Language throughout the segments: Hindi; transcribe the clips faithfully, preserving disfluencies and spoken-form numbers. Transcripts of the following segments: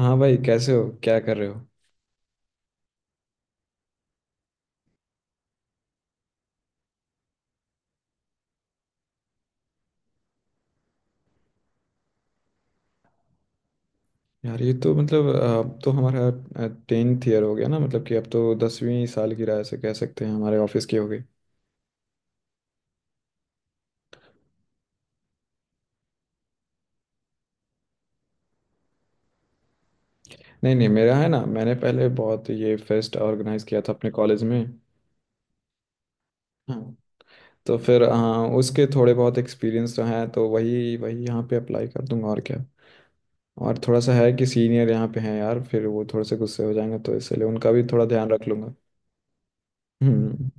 हाँ भाई, कैसे हो? क्या कर रहे हो? यार, ये तो मतलब अ, अब तो हमारा टेंथ ईयर हो गया ना। मतलब कि अब तो दसवीं साल की राह से कह सकते हैं, हमारे ऑफिस की हो गई। नहीं नहीं, मेरा है ना, मैंने पहले बहुत ये फेस्ट ऑर्गेनाइज किया था अपने कॉलेज में। हाँ, तो फिर हाँ, उसके थोड़े बहुत एक्सपीरियंस तो हैं, तो वही वही यहाँ पे अप्लाई कर दूंगा और क्या। और थोड़ा सा है कि सीनियर यहाँ पे हैं यार, फिर वो थोड़े से गुस्से हो जाएंगे तो इसलिए उनका भी थोड़ा ध्यान रख लूंगा। हम्म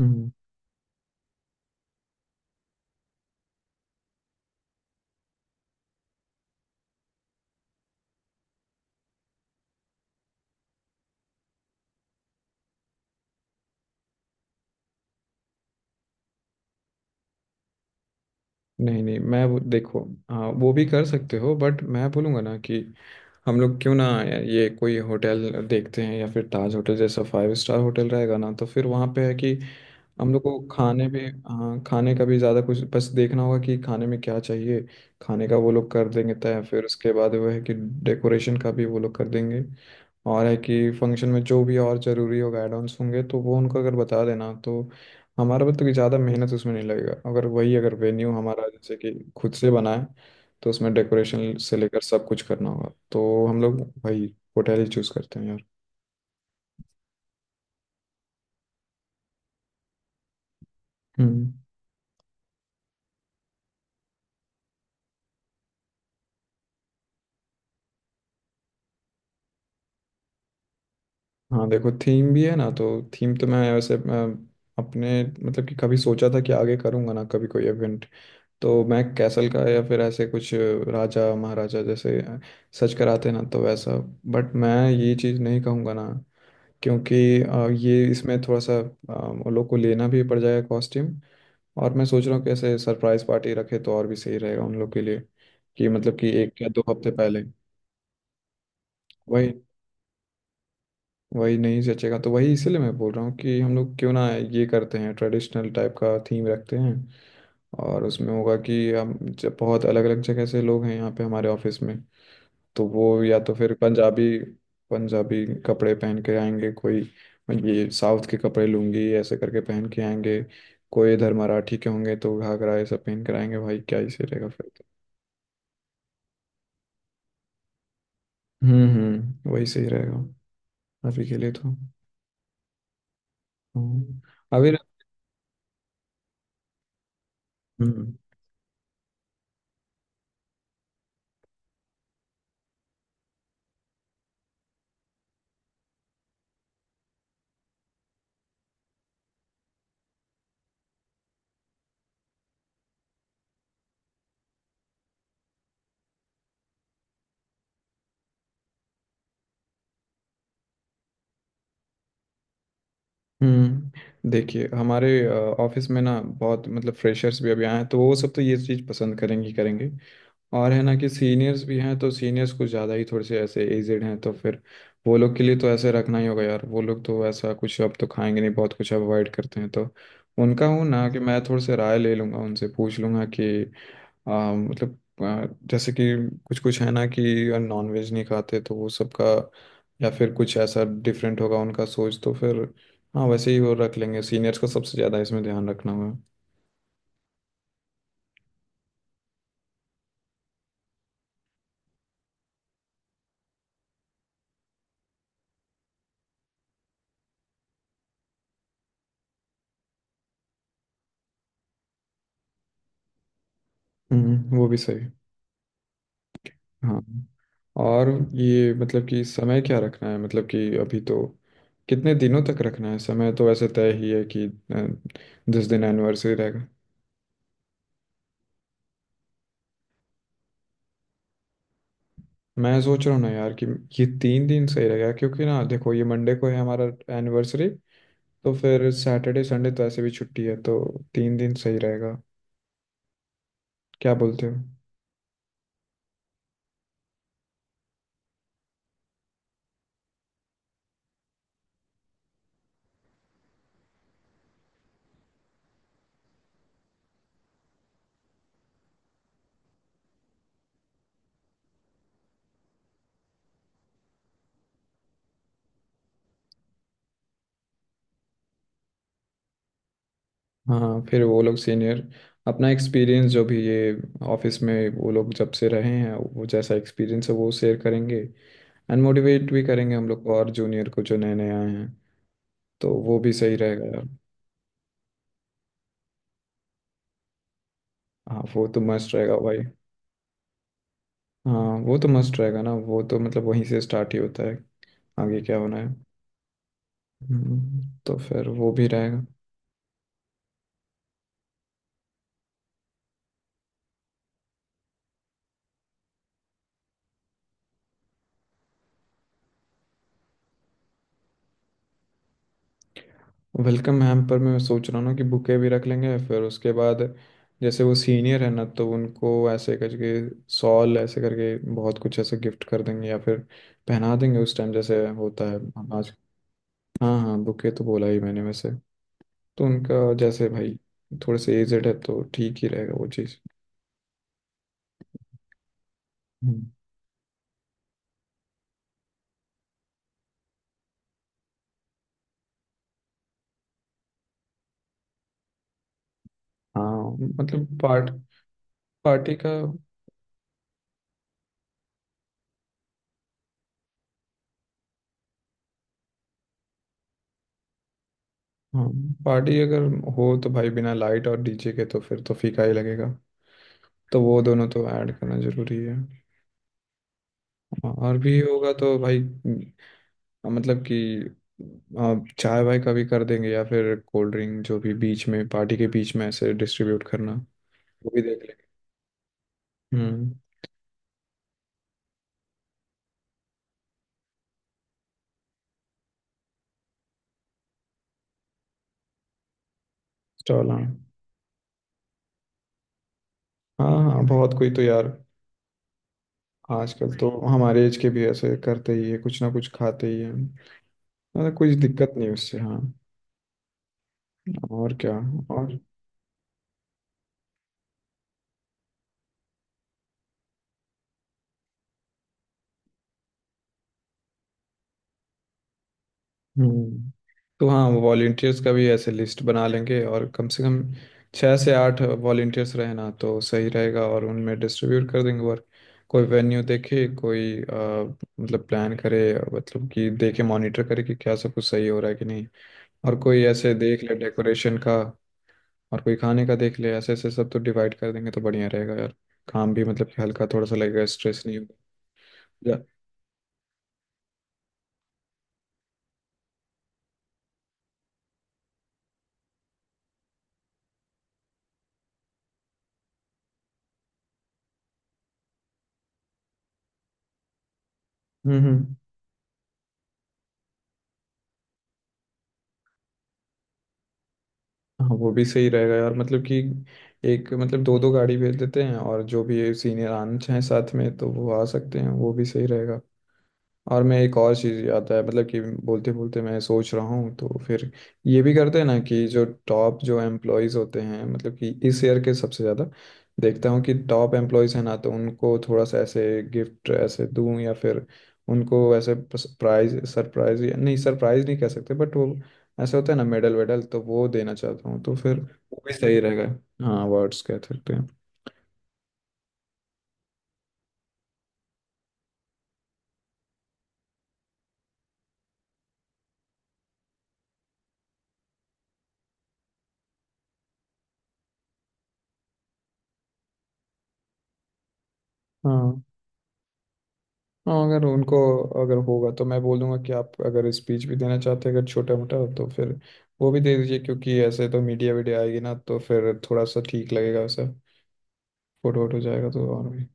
हम्म। नहीं नहीं, मैं वो देखो, हाँ, वो भी कर सकते हो, बट मैं बोलूँगा ना कि हम लोग क्यों ना यार ये कोई होटल देखते हैं, या फिर ताज होटल जैसा फाइव स्टार होटल रहेगा ना, तो फिर वहाँ पे है कि हम लोग को खाने भी, हाँ, खाने का भी ज़्यादा कुछ बस देखना होगा कि खाने में क्या चाहिए। खाने का वो लोग कर देंगे तय, फिर उसके बाद वो है कि डेकोरेशन का भी वो लोग कर देंगे। और है कि फंक्शन में जो भी और ज़रूरी होगा, एड ऑन्स होंगे तो वो उनको अगर बता देना, तो हमारा मतलब कि ज़्यादा मेहनत उसमें नहीं लगेगा। अगर वही, अगर वेन्यू हमारा जैसे कि खुद से बनाए, तो उसमें डेकोरेशन से लेकर सब कुछ करना होगा, तो हम लोग भाई होटल ही चूज करते हैं यार। हम्म। हाँ देखो, थीम भी है ना, तो थीम तो मैं, वैसे मैं अपने, मतलब कि कभी सोचा था कि आगे करूँगा ना कभी कोई इवेंट, तो मैं कैसल का या फिर ऐसे कुछ राजा महाराजा जैसे सच कराते ना, तो वैसा। बट मैं ये चीज़ नहीं कहूँगा ना, क्योंकि अ, ये इसमें थोड़ा सा अ, उन लोग को लेना भी पड़ जाएगा कॉस्ट्यूम। और मैं सोच रहा हूँ कैसे सरप्राइज पार्टी रखे, तो और भी सही रहेगा उन लोग के लिए, कि मतलब कि एक या दो हफ्ते पहले। वही, वही नहीं जचेगा तो वही इसीलिए मैं बोल रहा हूँ कि हम लोग क्यों ना ये करते हैं, ट्रेडिशनल टाइप का थीम रखते हैं। और उसमें होगा कि हम जब बहुत अलग अलग जगह से लोग हैं यहाँ पे हमारे ऑफिस में, तो वो या तो फिर पंजाबी, पंजाबी कपड़े पहन के आएंगे, कोई ये साउथ के कपड़े लूंगी ऐसे करके पहन के आएंगे, कोई इधर मराठी के होंगे तो घाघरा ये सब पहन कर आएंगे। भाई क्या ही सही रहेगा फिर। हम्म हम्म, वही सही रहेगा अभी के लिए तो। हम्म, अभी। हम्म हम्म, देखिए हमारे ऑफिस में ना बहुत मतलब फ्रेशर्स भी अभी आए हैं, तो वो सब तो ये चीज़ पसंद करेंगे ही करेंगे। और है ना कि सीनियर्स भी हैं, तो सीनियर्स कुछ ज़्यादा ही थोड़े से ऐसे एजेड हैं, तो फिर वो लोग के लिए तो ऐसे रखना ही होगा यार। वो लोग तो ऐसा कुछ अब तो खाएंगे नहीं, बहुत कुछ अवॉइड करते हैं, तो उनका हूँ ना कि मैं थोड़े से राय ले लूँगा, उनसे पूछ लूँगा कि हाँ, मतलब आ, जैसे कि कुछ कुछ है ना कि नॉन वेज नहीं खाते, तो वो सबका, या फिर कुछ ऐसा डिफरेंट होगा उनका सोच, तो फिर हाँ वैसे ही वो रख लेंगे। सीनियर्स को सबसे ज़्यादा इसमें ध्यान रखना होगा। हम्म, वो भी सही। हाँ, और ये मतलब कि समय क्या रखना है, मतलब कि अभी तो कितने दिनों तक रखना है, समय तो वैसे तय ही है कि अ, दस दिन एनिवर्सरी रहेगा। मैं सोच रहा हूँ ना यार कि ये तीन दिन सही रहेगा, क्योंकि ना देखो ये मंडे को है हमारा एनिवर्सरी, तो फिर सैटरडे संडे तो ऐसे भी छुट्टी है, तो तीन दिन सही रहेगा, क्या बोलते हो? हाँ फिर वो लोग सीनियर अपना एक्सपीरियंस जो भी ये ऑफिस में वो लोग जब से रहे हैं, वो जैसा एक्सपीरियंस है वो शेयर करेंगे एंड मोटिवेट भी करेंगे हम लोग को और जूनियर को जो नए नए आए हैं, तो वो भी सही रहेगा यार। हाँ वो तो मस्त रहेगा भाई। हाँ वो तो मस्त रहेगा ना, वो तो मतलब वहीं से स्टार्ट ही होता है, आगे क्या होना है। हम्म, तो फिर वो भी रहेगा। वेलकम हैम्पर में मैं सोच रहा हूँ ना कि बुके भी रख लेंगे, फिर उसके बाद जैसे वो सीनियर है ना, तो उनको ऐसे करके सॉल ऐसे करके बहुत कुछ ऐसे गिफ्ट कर देंगे या फिर पहना देंगे उस टाइम, जैसे होता है हम आज। हाँ हाँ, बुके तो बोला ही मैंने वैसे। तो उनका जैसे भाई थोड़े से एजेड है, तो ठीक ही रहेगा वो चीज़। हम्म। हाँ मतलब पार्ट पार्टी का। हाँ, पार्टी अगर हो तो भाई बिना लाइट और डीजे के तो फिर तो फीका ही लगेगा, तो वो दोनों तो ऐड करना जरूरी है। हाँ, और भी होगा तो भाई अम, मतलब कि अम, चाय वाय का भी कर देंगे, या फिर कोल्ड ड्रिंक जो भी बीच में, पार्टी के बीच में ऐसे डिस्ट्रीब्यूट करना, वो भी देख लेंगे। हम्म। स्टॉल, हाँ। हाँ हाँ, बहुत कोई तो यार, आजकल तो हमारे एज के भी ऐसे करते ही है, कुछ ना कुछ खाते ही है। मतलब कुछ दिक्कत नहीं उससे, हाँ। और क्या। और हम्म, तो हाँ वो वॉलेंटियर्स का भी ऐसे लिस्ट बना लेंगे, और कम से कम छः से आठ वॉलेंटियर्स रहना तो सही रहेगा, और उनमें डिस्ट्रीब्यूट कर देंगे वर्क। कोई वेन्यू देखे, कोई अ, मतलब प्लान करे, मतलब कि देखे, मॉनिटर करे कि क्या सब कुछ सही हो रहा है कि नहीं। और कोई ऐसे देख ले डेकोरेशन का। और कोई खाने का देख ले, ऐसे ऐसे सब तो डिवाइड कर देंगे, तो बढ़िया रहेगा यार, काम भी मतलब कि हल्का थोड़ा सा लगेगा, स्ट्रेस नहीं होगा। या- हम्म हम्म। हाँ वो भी सही रहेगा यार, मतलब कि एक, मतलब दो दो गाड़ी भेज देते हैं, और जो भी सीनियर आना चाहें साथ में तो वो आ सकते हैं, वो भी सही रहेगा। और मैं एक और चीज़ याद है, मतलब कि बोलते बोलते मैं सोच रहा हूँ, तो फिर ये भी करते हैं ना कि जो टॉप जो एम्प्लॉयज़ होते हैं, मतलब कि इस ईयर के सबसे ज़्यादा देखता हूँ कि टॉप एम्प्लॉयज़ हैं ना, तो उनको थोड़ा सा ऐसे गिफ्ट ऐसे दूँ, या फिर उनको ऐसे प्राइज, सरप्राइज नहीं, सरप्राइज नहीं कह सकते, बट वो ऐसे होता है ना मेडल वेडल, तो वो देना चाहता हूँ, तो फिर वो भी सही रहेगा। हाँ, अवार्ड्स कह सकते हैं। हाँ हाँ, अगर उनको अगर होगा तो मैं बोलूँगा कि आप अगर स्पीच भी देना चाहते हैं अगर छोटा मोटा, तो फिर वो भी दे दीजिए, क्योंकि ऐसे तो मीडिया वीडिया आएगी ना, तो फिर थोड़ा सा ठीक लगेगा सब। फोटो वोटो जाएगा तो और भी।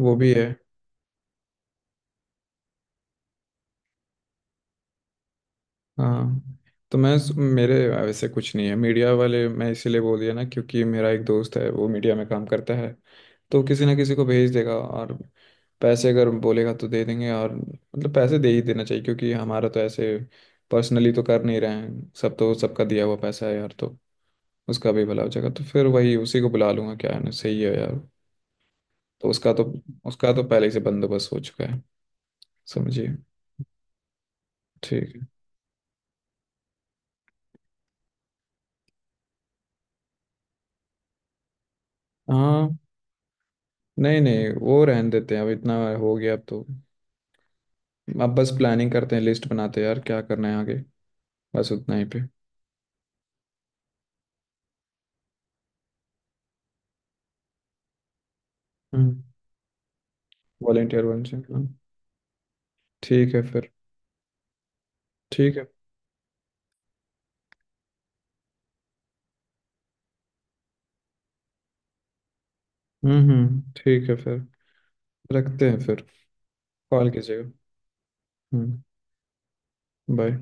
वो भी है। हाँ तो मैं, मेरे वैसे कुछ नहीं है, मीडिया वाले मैं इसीलिए बोल दिया ना, क्योंकि मेरा एक दोस्त है, वो मीडिया में काम करता है, तो किसी ना किसी को भेज देगा। और पैसे अगर बोलेगा तो दे देंगे, और मतलब पैसे दे ही देना चाहिए, क्योंकि हमारा तो ऐसे पर्सनली तो कर नहीं रहे हैं, सब तो सबका दिया हुआ पैसा है यार, तो उसका भी भला हो जाएगा, तो फिर वही उसी को बुला लूंगा, क्या है ना, सही है यार। तो उसका तो उसका तो पहले ही से बंदोबस्त हो चुका है, समझिए। ठीक है। हाँ, नहीं नहीं, वो रहने देते हैं, अब इतना हो गया, अब तो अब बस प्लानिंग करते हैं, लिस्ट बनाते हैं यार, क्या करना है आगे, बस उतना ही पे। हम्म। वॉलेंटियर बन से, हाँ। ठीक है फिर। ठीक है। हम्म हम्म, ठीक है फिर। रखते हैं फिर। कॉल कीजिएगा। हम्म। बाय।